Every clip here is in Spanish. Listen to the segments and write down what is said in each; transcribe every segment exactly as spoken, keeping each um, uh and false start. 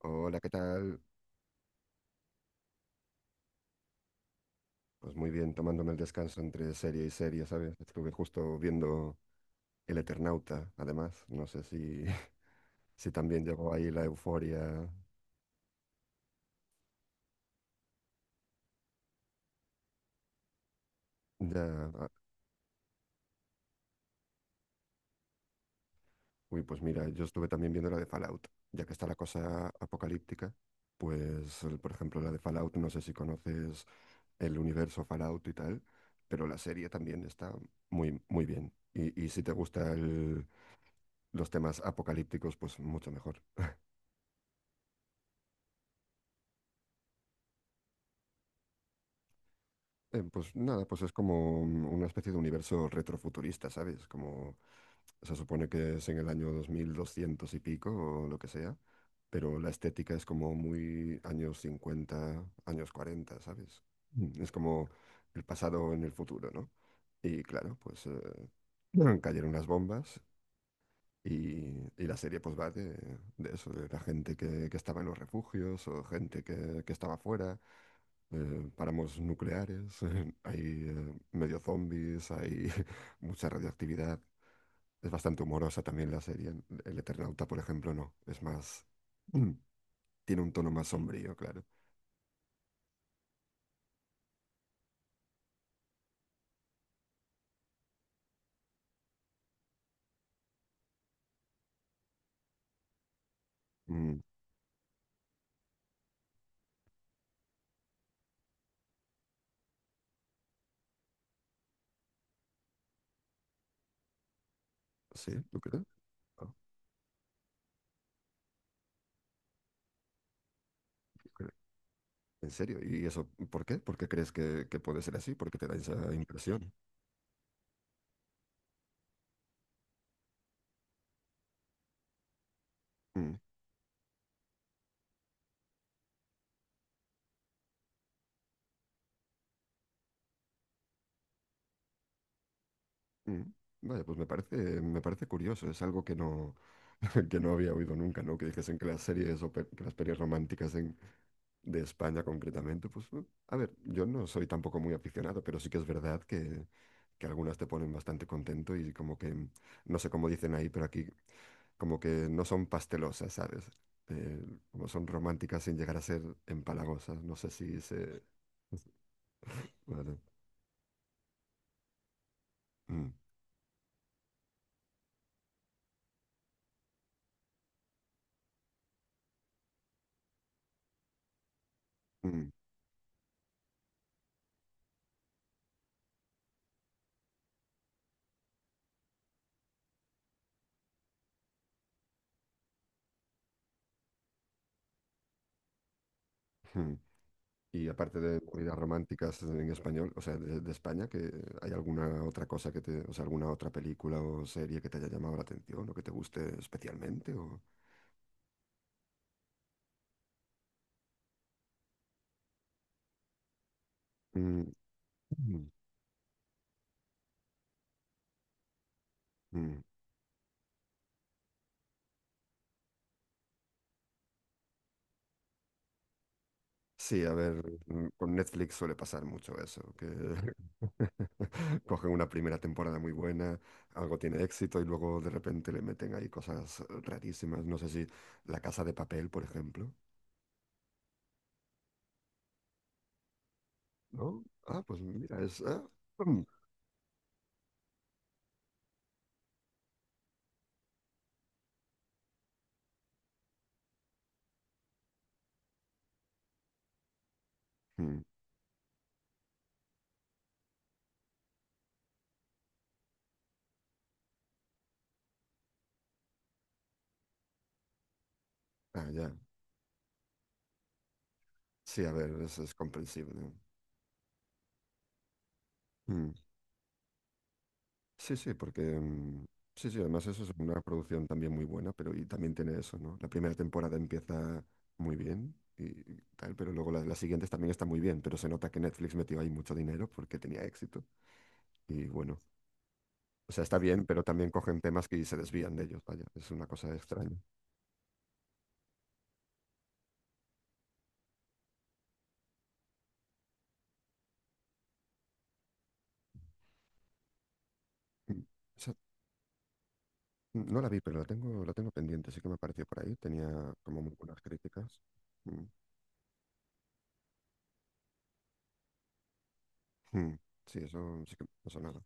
Hola, ¿qué tal? Pues muy bien, tomándome el descanso entre serie y serie, ¿sabes? Estuve justo viendo El Eternauta, además. No sé si, si también llegó ahí la euforia. Ya. ah, Uy, pues mira, yo estuve también viendo la de Fallout, ya que está la cosa apocalíptica. Pues, el- por ejemplo, la de Fallout, no sé si conoces el universo Fallout y tal, pero la serie también está muy, muy bien. Y, y si te gustan los temas apocalípticos, pues mucho mejor. Eh, pues nada, pues es como un- una especie de universo retrofuturista, ¿sabes? Como se supone que es en el año dos mil doscientos y pico o lo que sea, pero la estética es como muy años cincuenta, años cuarenta, ¿sabes? Mm, Es como el pasado en el futuro, ¿no? Y claro, pues eh, cayeron las bombas y, y la serie pues va de, de eso, de la gente que, que estaba en los refugios o gente que, que estaba fuera, eh, páramos nucleares, hay eh, medio zombies, hay mucha radioactividad. Es bastante humorosa también la serie. El Eternauta, por ejemplo, no. Es más, mm, tiene un tono más sombrío, claro. Mm, sí, ¿tú crees? Ah, yo creo. ¿En serio? ¿Y eso por qué? ¿Por qué crees que, que puede ser así? ¿Por qué te da esa impresión? Mm. Mm. Vaya, pues me parece, me parece curioso, es algo que no, que no había oído nunca, ¿no? Que dijesen que las series o pe- que las pelis románticas en- de España concretamente, pues eh, a ver, yo no soy tampoco muy aficionado, pero sí que es verdad que, que algunas te ponen bastante contento y como que, mm, no sé cómo dicen ahí, pero aquí como que no son pastelosas, ¿sabes? Eh, como son románticas sin llegar a ser empalagosas, no sé si se. Vale. Mm, mm, mm. Y aparte de comidas románticas en español, o sea, de, de España, que hay alguna otra cosa que te, o sea, alguna otra película o serie que te haya llamado la atención o que te guste especialmente o. Mm, mm, mm. Sí, a ver, mm, con Netflix suele pasar mucho eso, que cogen una primera temporada muy buena, algo tiene éxito y luego de repente le meten ahí cosas rarísimas. No sé si La Casa de Papel, por ejemplo, ¿no? Ah, pues mira, es. Ah, mm, mm. Ah, ya. Sí, a ver, eso es comprensible. Mm. Sí, sí, porque. mm, Sí, sí, además eso es una producción también muy buena, pero y también tiene eso, ¿no? La primera temporada empieza muy bien y, y tal, pero luego la- las siguientes también están muy bien, pero se nota que Netflix metió ahí mucho dinero porque tenía éxito. Y bueno, o sea, está bien, pero también cogen temas que se desvían de ellos, vaya, es una cosa extraña. Mm. O no la vi, pero la tengo, la tengo pendiente, sí que me apareció por ahí, tenía como muy buenas críticas. Mm. Mm. Sí, eso sí que no sonaba.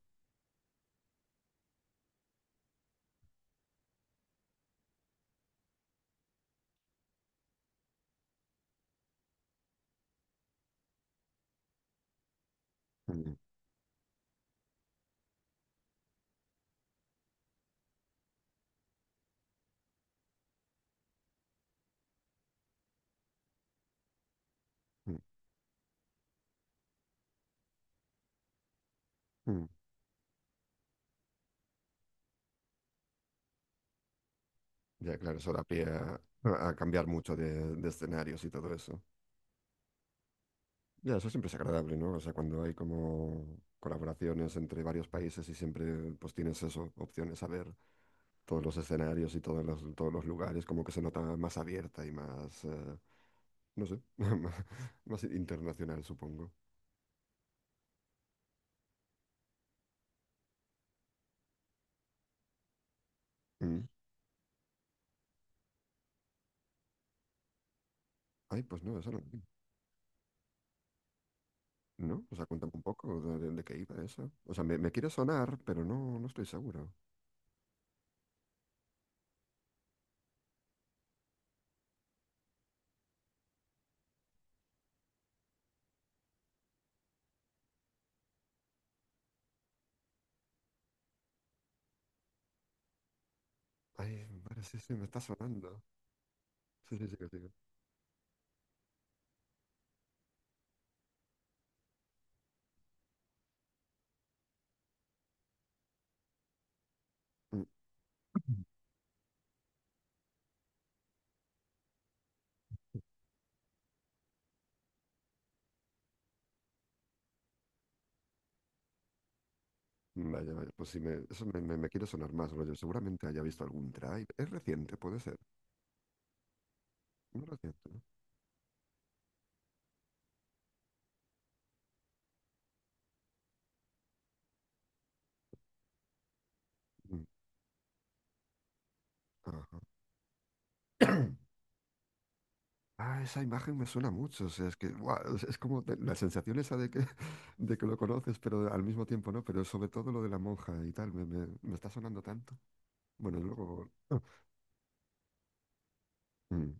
Mm. Mm. Mm. Ya, claro, eso da pie a, a cambiar mucho de, de escenarios y todo eso. Ya, eso siempre es agradable, ¿no? O sea, cuando hay como colaboraciones entre varios países y siempre pues tienes eso, opciones a ver todos los escenarios y todos los, todos los lugares, como que se nota más abierta y más, eh, no sé, más, más internacional, supongo. Mm. Ay, pues no, eso no. ¿No? O sea, cuéntame un poco de, de- de qué iba eso. O sea, me, me quiere sonar, pero no, no estoy seguro. Ay, vale, sí, sí, me está sonando. Sí, sí, sí, sí. Vaya, vaya, pues sí, me, eso me, me, me quiere sonar más, rollo. Seguramente haya visto algún drive. Es reciente, puede ser. No reciente, ¿no? Mm, ajá. Ah, esa imagen me suena mucho. O sea, es que guau, es es como de- la sensación esa de que, de que lo conoces, pero al mismo tiempo no. Pero sobre todo lo de la monja y tal, me, me, me está sonando tanto. Bueno, luego. Mm,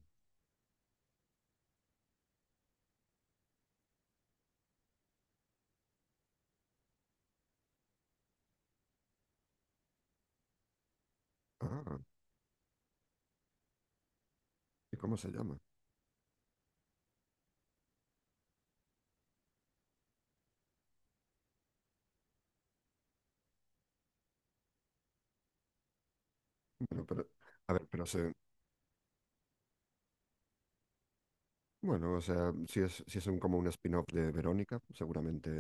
ah, ¿y cómo se llama? Bueno, pero. A ver, pero se, bueno, o sea, si es, si es un- como un spin-off de Verónica, seguramente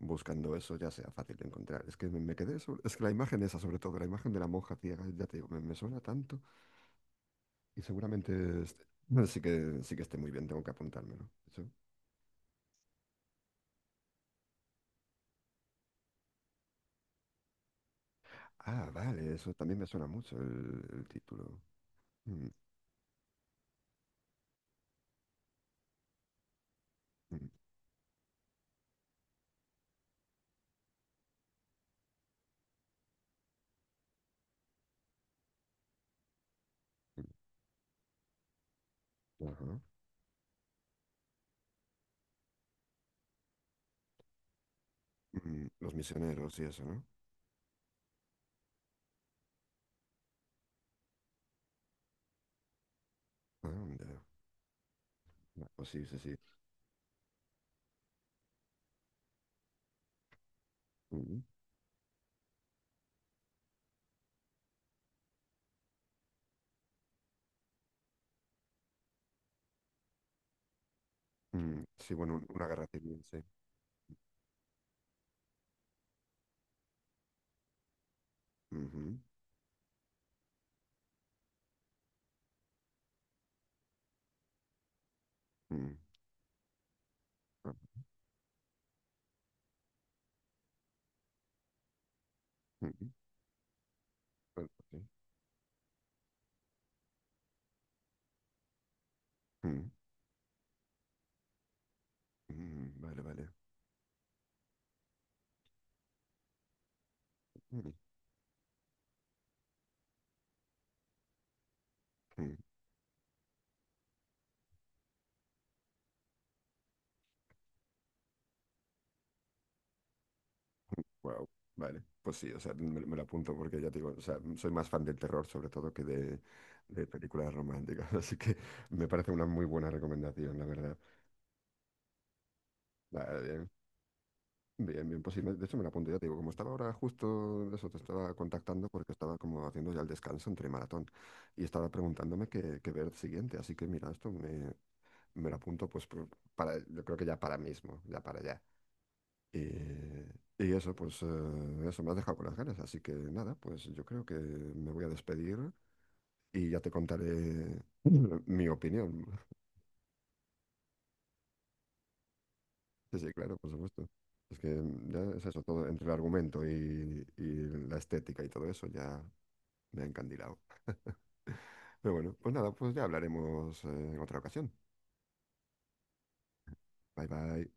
buscando eso ya sea fácil de encontrar. Es que me, me quedé sobre- es que la imagen esa, sobre todo, la imagen de la monja ciega, ya te digo, me, me suena tanto y seguramente este- sí que, sí que esté muy bien, tengo que apuntármelo. Eso. Ah, vale, eso también me suena mucho el, el título. Mm, mm, mm, ajá. Mm, Los misioneros y eso, ¿no? Anda. Ah, pues sí, sí, sí. Mm, mm, sí, bueno, un- una guerra civil, sí. Ujú, mm, ah, ujú. Bueno, pues sí. Mm, mm, vale, vale. Wow, vale. Pues sí, o sea, me, me lo apunto porque ya te digo, o sea, soy más fan del terror sobre todo que de, de películas románticas, así que me parece una muy buena recomendación, la verdad. Vale, bien, bien, bien, pues sí, me- de hecho me lo apunto, ya te digo, como estaba ahora justo, eso, te estaba contactando porque estaba como haciendo ya el descanso entre maratón y estaba preguntándome qué, qué ver siguiente, así que mira, esto me, me lo apunto pues por- para, yo creo que ya para mismo, ya para ya. Y, y eso, pues, eh, eso me ha dejado con las ganas. Así que nada, pues yo creo que me voy a despedir y ya te contaré mi opinión. Sí, sí, claro, por supuesto. Es que mm, ya es eso, todo entre el argumento y, y la estética y todo eso, ya me ha encandilado. Pero bueno, pues nada, pues ya hablaremos eh, en otra ocasión. Bye bye.